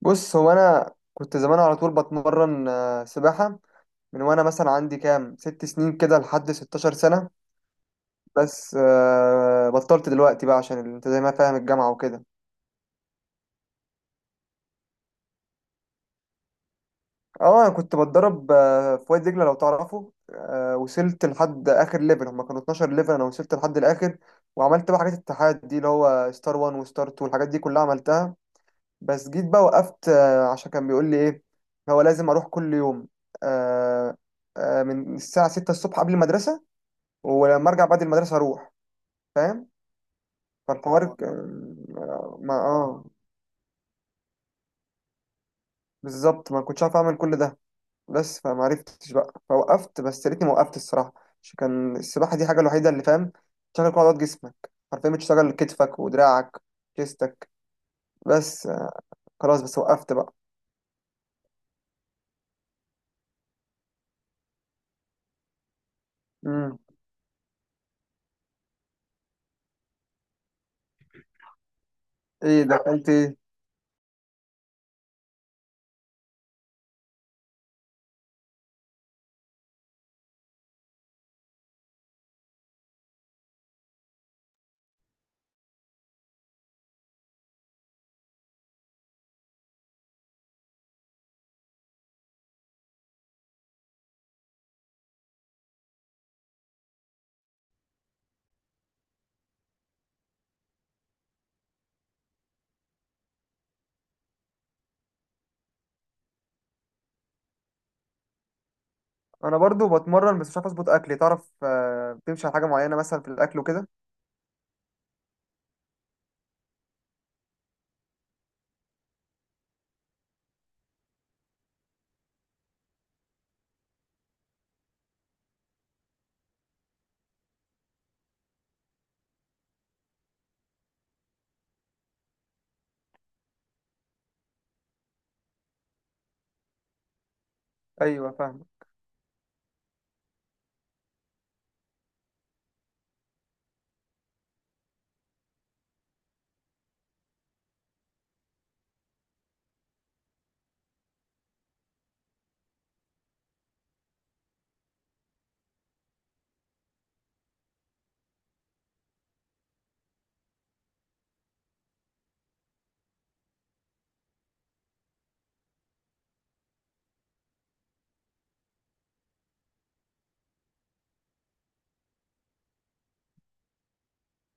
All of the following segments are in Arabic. بص هو انا كنت زمان على طول بتمرن سباحه. من وانا مثلا عندي كام 6 سنين كده لحد 16 سنه. بس بطلت دلوقتي بقى عشان انت زي ما فاهم الجامعه وكده. اه انا كنت بتدرب في وادي دجله لو تعرفه، وصلت لحد اخر ليفل، هما كانوا 12 ليفل، انا وصلت لحد الاخر. وعملت بقى حاجات الاتحاد دي اللي هو ستار 1 وستار 2 والحاجات دي كلها عملتها. بس جيت بقى وقفت، عشان كان بيقول لي ايه، هو لازم اروح كل يوم. آه، من الساعة 6 الصبح قبل المدرسة، ولما ارجع بعد المدرسة اروح، فاهم. فالحوار اه ك- آه، ما اه بالظبط ما كنتش عارف اعمل كل ده. بس فما عرفتش بقى فوقفت، بس يا ريتني ما وقفت الصراحة. عشان كان السباحة دي حاجة الوحيدة اللي فاهم تشغل كل عضلات جسمك، حرفيا بتشتغل كتفك ودراعك جسمك. بس آه، خلاص بس وقفت بقى. مم. ايه دخلت. انا برضو بتمرن بس مش عارف اظبط اكلي، تعرف بتمشي على حاجه معينه مثلا في الاكل وكده؟ ايوه فاهم.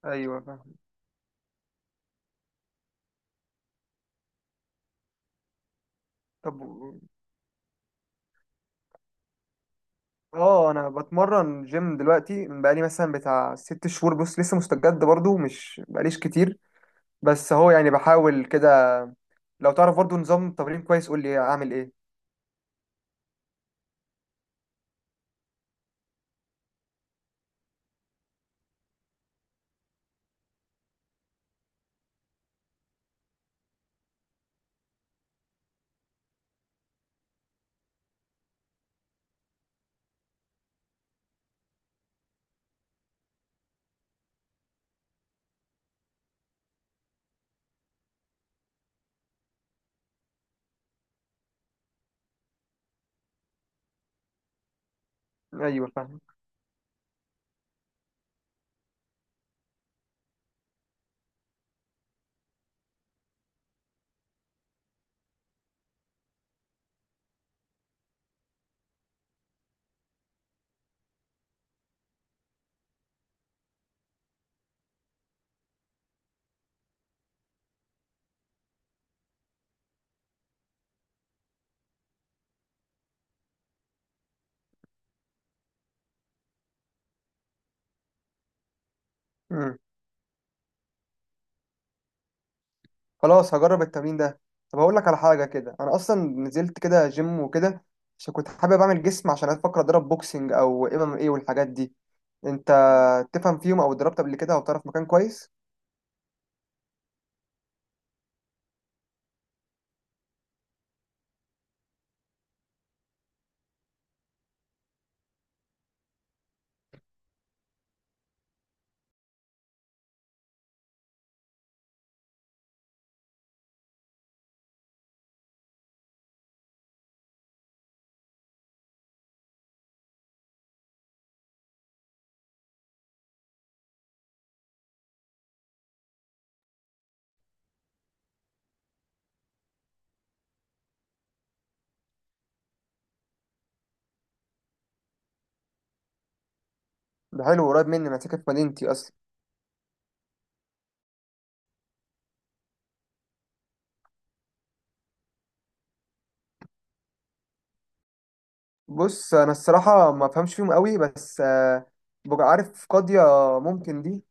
ايوه فاهم. طب و- اه انا بتمرن جيم دلوقتي من بقالي مثلا بتاع 6 شهور، بص لسه مستجد برضو مش بقاليش كتير. بس هو يعني بحاول كده. لو تعرف برضو نظام تمرين كويس قول لي اعمل ايه. ايوه فاهم. خلاص هجرب التمرين ده. طب هقول لك على حاجه كده، انا اصلا نزلت كده جيم وكده عشان كنت حابب اعمل جسم، عشان افكر اضرب بوكسنج او ام ام ايه والحاجات دي. انت تفهم فيهم او اتدربت قبل كده او تعرف مكان كويس؟ ده حلو، قريب مني، انا ساكن في مدينتي اصلا. بص انا الصراحه ما بفهمش فيهم قوي، بس آه، ببقى عارف قاضيه، ممكن دي.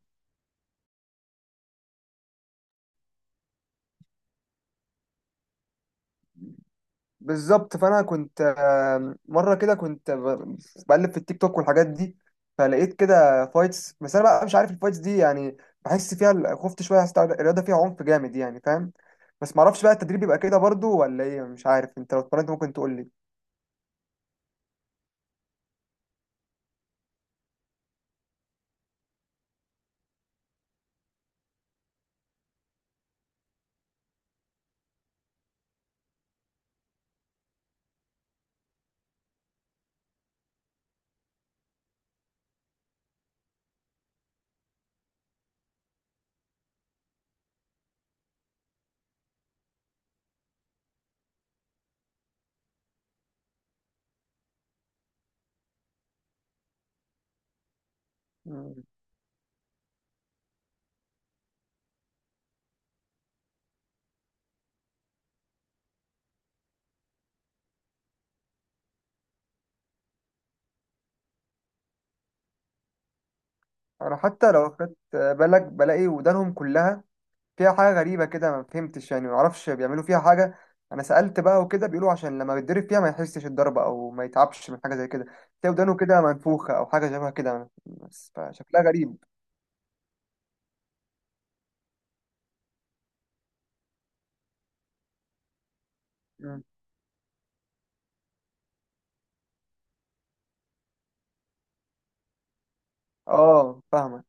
بالظبط. فانا كنت آه، مره كده كنت بقلب في التيك توك والحاجات دي، فلقيت كده فايتس، بس انا بقى مش عارف الفايتس دي يعني. بحس فيها خفت شويه، حسيت الرياضه فيها عنف جامد يعني، فاهم. بس ما اعرفش بقى التدريب يبقى كده برضو ولا ايه، مش عارف، انت لو اتمرنت ممكن تقول لي. مم. انا حتى لو خدت بالك بلاقي ودانهم كلها فيها حاجة غريبة كده، ما فهمتش يعني، ما اعرفش بيعملوا فيها حاجة. انا سألت بقى وكده بيقولوا عشان لما بيتضرب فيها ما يحسش الضربة او ما يتعبش من حاجة زي كده. تلاقي ودانه كده منفوخة او حاجة شبه كده، بس فشكلها غريب. مم. اه فاهمة.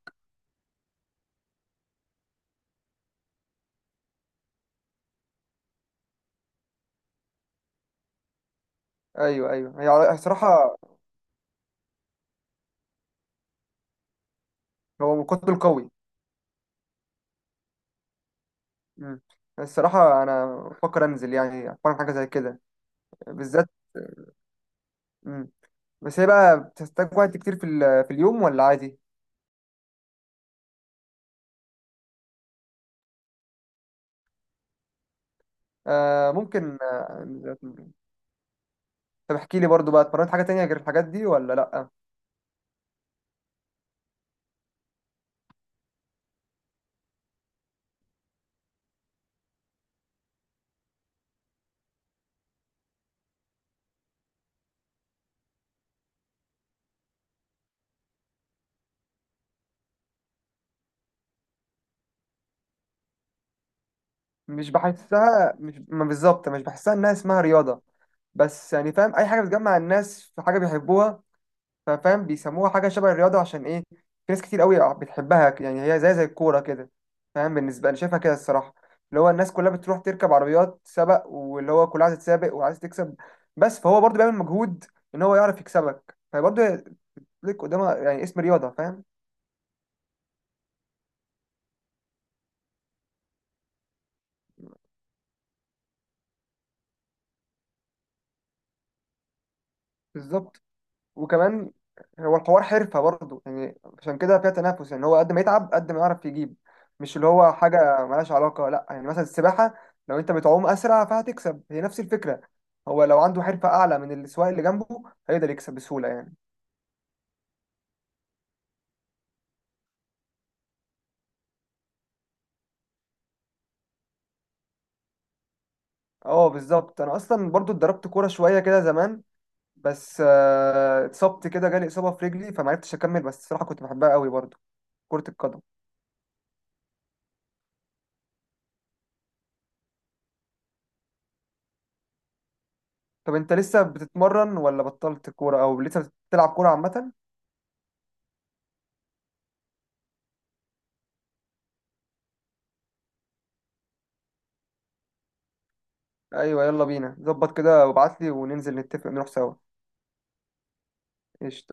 ايوه ايوه، الصراحة هو مقاتل قوي. مم. الصراحة انا بفكر انزل يعني اتفرج حاجة زي كده بالذات. مم. بس هي بقى بتحتاج وقت كتير في اليوم ولا عادي؟ آه ممكن آه، طب احكي لي برضو بقى اتمرنت حاجة تانية غير الحاجات دي ولا لأ؟ مش بحسها، مش ما بالظبط مش بحسها انها اسمها رياضة، بس يعني فاهم اي حاجة بتجمع الناس في حاجة بيحبوها، ففاهم بيسموها حاجة شبه الرياضة. عشان ايه في ناس كتير قوي بتحبها يعني، هي زي الكورة كده فاهم، بالنسبة انا شايفها كده الصراحة. اللي هو الناس كلها بتروح تركب عربيات سبق، واللي هو كلها عايز تسابق وعايز تكسب، بس فهو برضه بيعمل مجهود ان هو يعرف يكسبك، فبرضه ليك قدامها يعني اسم رياضة فاهم. بالظبط. وكمان هو الحوار حرفة برضه يعني، عشان كده فيها تنافس يعني، هو قد ما يتعب قد ما يعرف يجيب، مش اللي هو حاجة ملهاش علاقة، لا يعني مثلا السباحة لو انت بتعوم أسرع فهتكسب، هي نفس الفكرة. هو لو عنده حرفة أعلى من السواق اللي جنبه هيقدر يكسب بسهولة يعني. اه بالظبط. أنا أصلا برضه اتدربت كورة شوية كده زمان، بس آه، اتصبت كده، جالي إصابة في رجلي فمعرفتش أكمل، بس الصراحة كنت بحبها قوي برضه، كرة القدم. طب انت لسه بتتمرن ولا بطلت كورة او لسه بتلعب كورة عامة؟ ايوه يلا بينا، ظبط كده وابعت لي وننزل نتفق نروح سوا. قشطة.